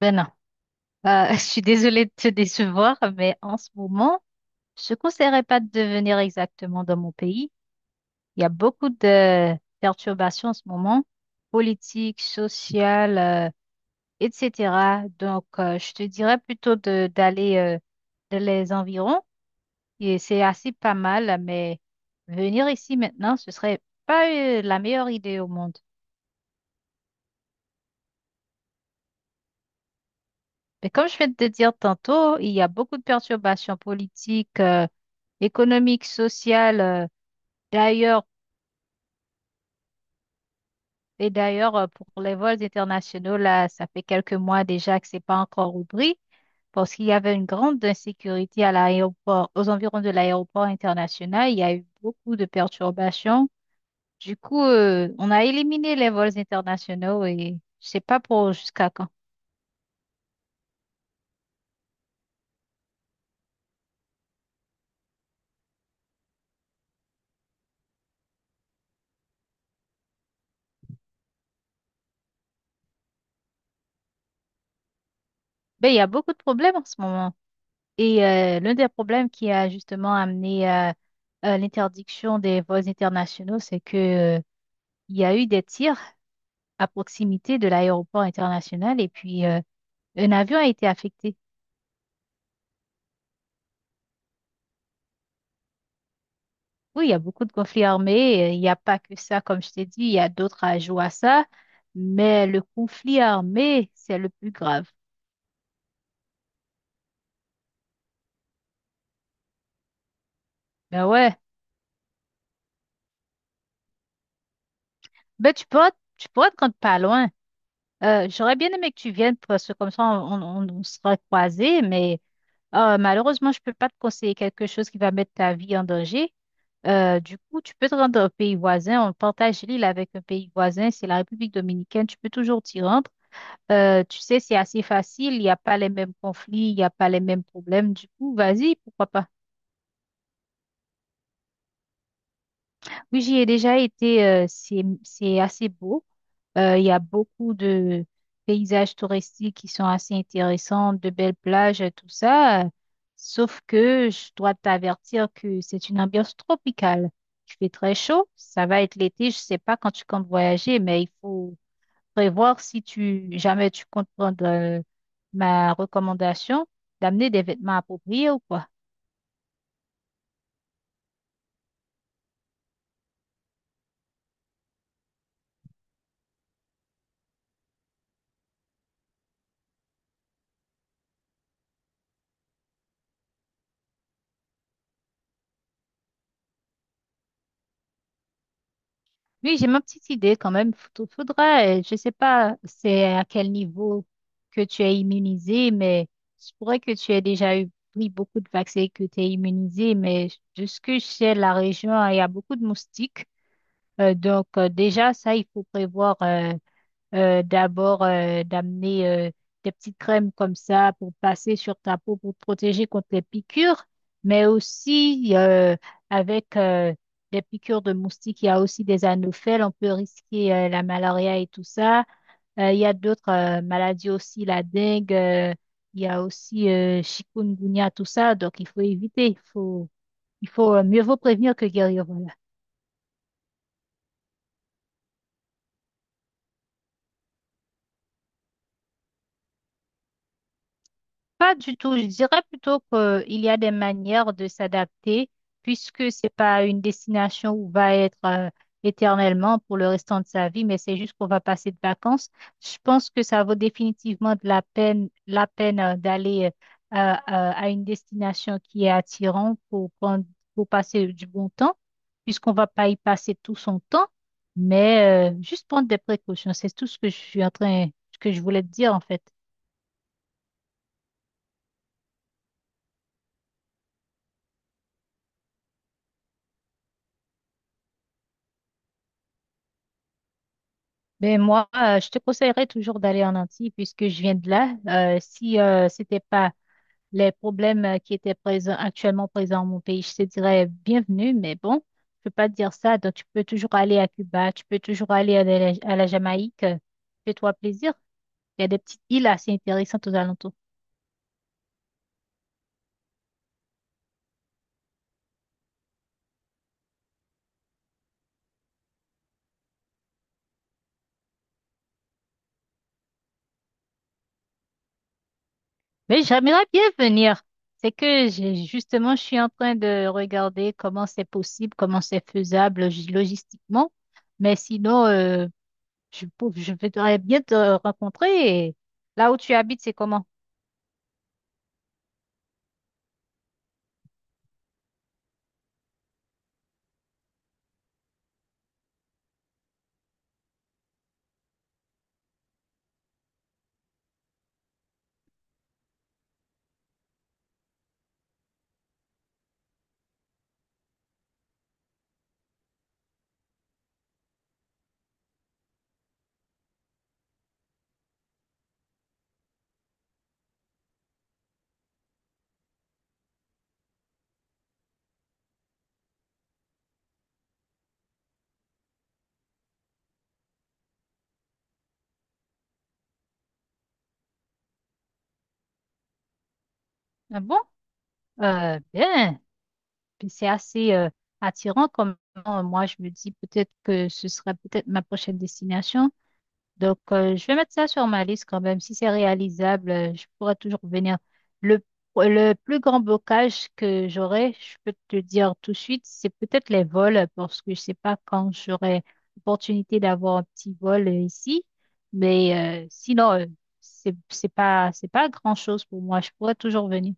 Ben non. Je suis désolée de te décevoir, mais en ce moment, je ne conseillerais pas de venir exactement dans mon pays. Il y a beaucoup de perturbations en ce moment, politiques, sociales, etc. Donc, je te dirais plutôt de d'aller dans les environs. Et c'est assez pas mal, mais venir ici maintenant, ce serait pas la meilleure idée au monde. Mais comme je viens de te dire tantôt, il y a beaucoup de perturbations politiques, économique, sociale. D'ailleurs, et d'ailleurs, pour les vols internationaux, là, ça fait quelques mois déjà que c'est pas encore ouvert parce qu'il y avait une grande insécurité à l'aéroport, aux environs de l'aéroport international. Il y a eu beaucoup de perturbations. Du coup, on a éliminé les vols internationaux et je sais pas pour jusqu'à quand. Mais il y a beaucoup de problèmes en ce moment. Et l'un des problèmes qui a justement amené à l'interdiction des vols internationaux, c'est que il y a eu des tirs à proximité de l'aéroport international et puis un avion a été affecté. Oui, il y a beaucoup de conflits armés. Il n'y a pas que ça, comme je t'ai dit, il y a d'autres ajouts à ça. Mais le conflit armé, c'est le plus grave. Ben ouais, ben tu pourras te rendre pas loin. J'aurais bien aimé que tu viennes parce que comme ça, on sera croisés, mais malheureusement, je peux pas te conseiller quelque chose qui va mettre ta vie en danger. Du coup, tu peux te rendre au pays voisin. On partage l'île avec un pays voisin. C'est la République dominicaine. Tu peux toujours t'y rendre. Tu sais, c'est assez facile. Il n'y a pas les mêmes conflits. Il n'y a pas les mêmes problèmes. Du coup, vas-y, pourquoi pas. Oui, j'y ai déjà été. C'est assez beau. Il y a beaucoup de paysages touristiques qui sont assez intéressants, de belles plages, et tout ça. Sauf que je dois t'avertir que c'est une ambiance tropicale. Il fait très chaud, ça va être l'été, je sais pas quand tu comptes voyager, mais il faut prévoir si tu jamais tu comptes prendre ma recommandation d'amener des vêtements appropriés ou quoi. Oui, j'ai ma petite idée quand même. Faudrait, je sais pas c'est à quel niveau que tu es immunisé, mais je pourrais que tu aies déjà eu pris beaucoup de vaccins et que tu es immunisé, mais de ce que je sais, la région, il y a beaucoup de moustiques. Déjà, ça, il faut prévoir d'abord d'amener des petites crèmes comme ça pour passer sur ta peau pour te protéger contre les piqûres, mais aussi avec des piqûres de moustiques, il y a aussi des anophèles, on peut risquer la malaria et tout ça. Il y a d'autres maladies aussi, la dengue, il y a aussi chikungunya, tout ça, donc il faut éviter, il faut mieux vaut prévenir que guérir, voilà. Pas du tout. Je dirais plutôt qu'il y a des manières de s'adapter, puisque c'est pas une destination où on va être éternellement pour le restant de sa vie, mais c'est juste qu'on va passer de vacances. Je pense que ça vaut définitivement de la peine, d'aller à une destination qui est attirante pour prendre, pour passer du bon temps, puisqu'on va pas y passer tout son temps, mais juste prendre des précautions. C'est tout ce que je suis en train, ce que je voulais te dire en fait. Ben moi, je te conseillerais toujours d'aller en Antilles puisque je viens de là. Si c'était pas les problèmes qui étaient présents dans mon pays, je te dirais bienvenue, mais bon, je peux pas te dire ça. Donc tu peux toujours aller à Cuba, tu peux toujours aller à la Jamaïque. Fais-toi plaisir. Il y a des petites îles assez intéressantes aux alentours. Mais j'aimerais bien venir. C'est que j'ai justement, je suis en train de regarder comment c'est possible, comment c'est faisable logistiquement. Mais sinon, je voudrais bien te rencontrer. Et là où tu habites, c'est comment? Ah bon? Bien. Puis c'est assez attirant comme moi je me dis peut-être que ce serait peut-être ma prochaine destination. Donc, je vais mettre ça sur ma liste quand même. Si c'est réalisable, je pourrais toujours venir. Le, le plus grand blocage que j'aurai, je peux te dire tout de suite, c'est peut-être les vols, parce que je sais pas quand j'aurai l'opportunité d'avoir un petit vol ici. Mais sinon, c'est pas grand-chose pour moi. Je pourrais toujours venir.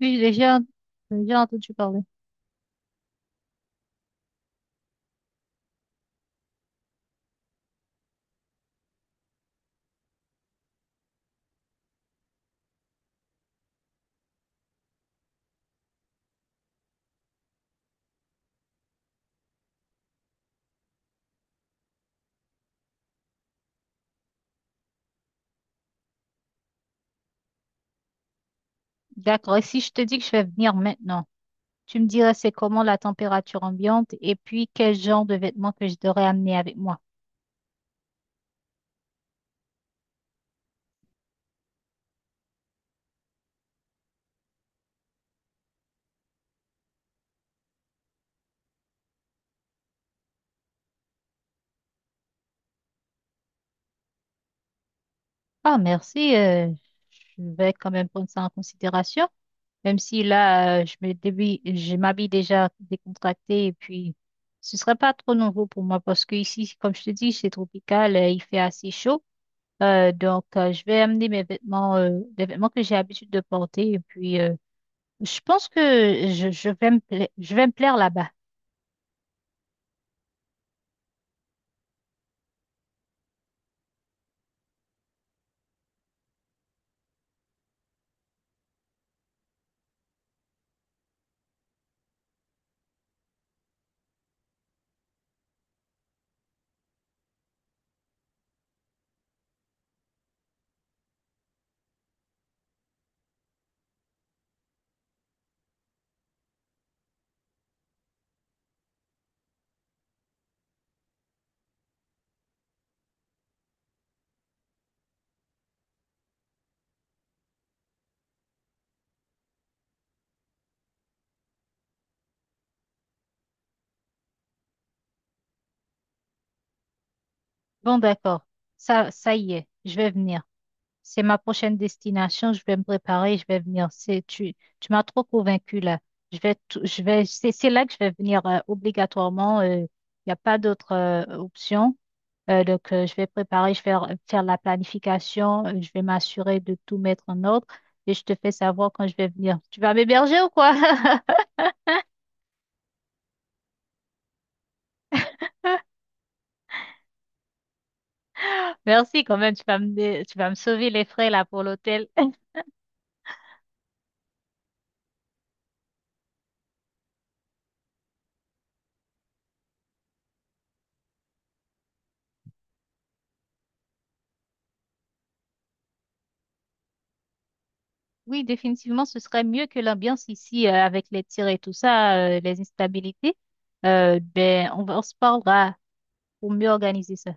Oui, j'ai déjà entendu parler. D'accord. Et si je te dis que je vais venir maintenant? Tu me dirais c'est comment la température ambiante et puis quel genre de vêtements que je devrais amener avec moi. Ah, merci. Je vais quand même prendre ça en considération. Même si là, je m'habille déjà décontractée et puis ce serait pas trop nouveau pour moi parce que ici, comme je te dis, c'est tropical, il fait assez chaud. Je vais amener mes vêtements, les vêtements que j'ai l'habitude de porter et puis je pense que je vais me plaire là-bas. Bon, d'accord. Ça y est, je vais venir. C'est ma prochaine destination. Je vais me préparer, je vais venir. Tu m'as trop convaincu là. Je vais tout- je vais, c'est là que je vais venir obligatoirement. Il n'y a pas d'autre option. Je vais préparer, faire la planification. Je vais m'assurer de tout mettre en ordre. Et je te fais savoir quand je vais venir. Tu vas m'héberger ou quoi? Merci quand même. Tu vas me sauver les frais là pour l'hôtel. Oui, définitivement, ce serait mieux que l'ambiance ici avec les tirs et tout ça, les instabilités. Ben, on se parlera pour mieux organiser ça.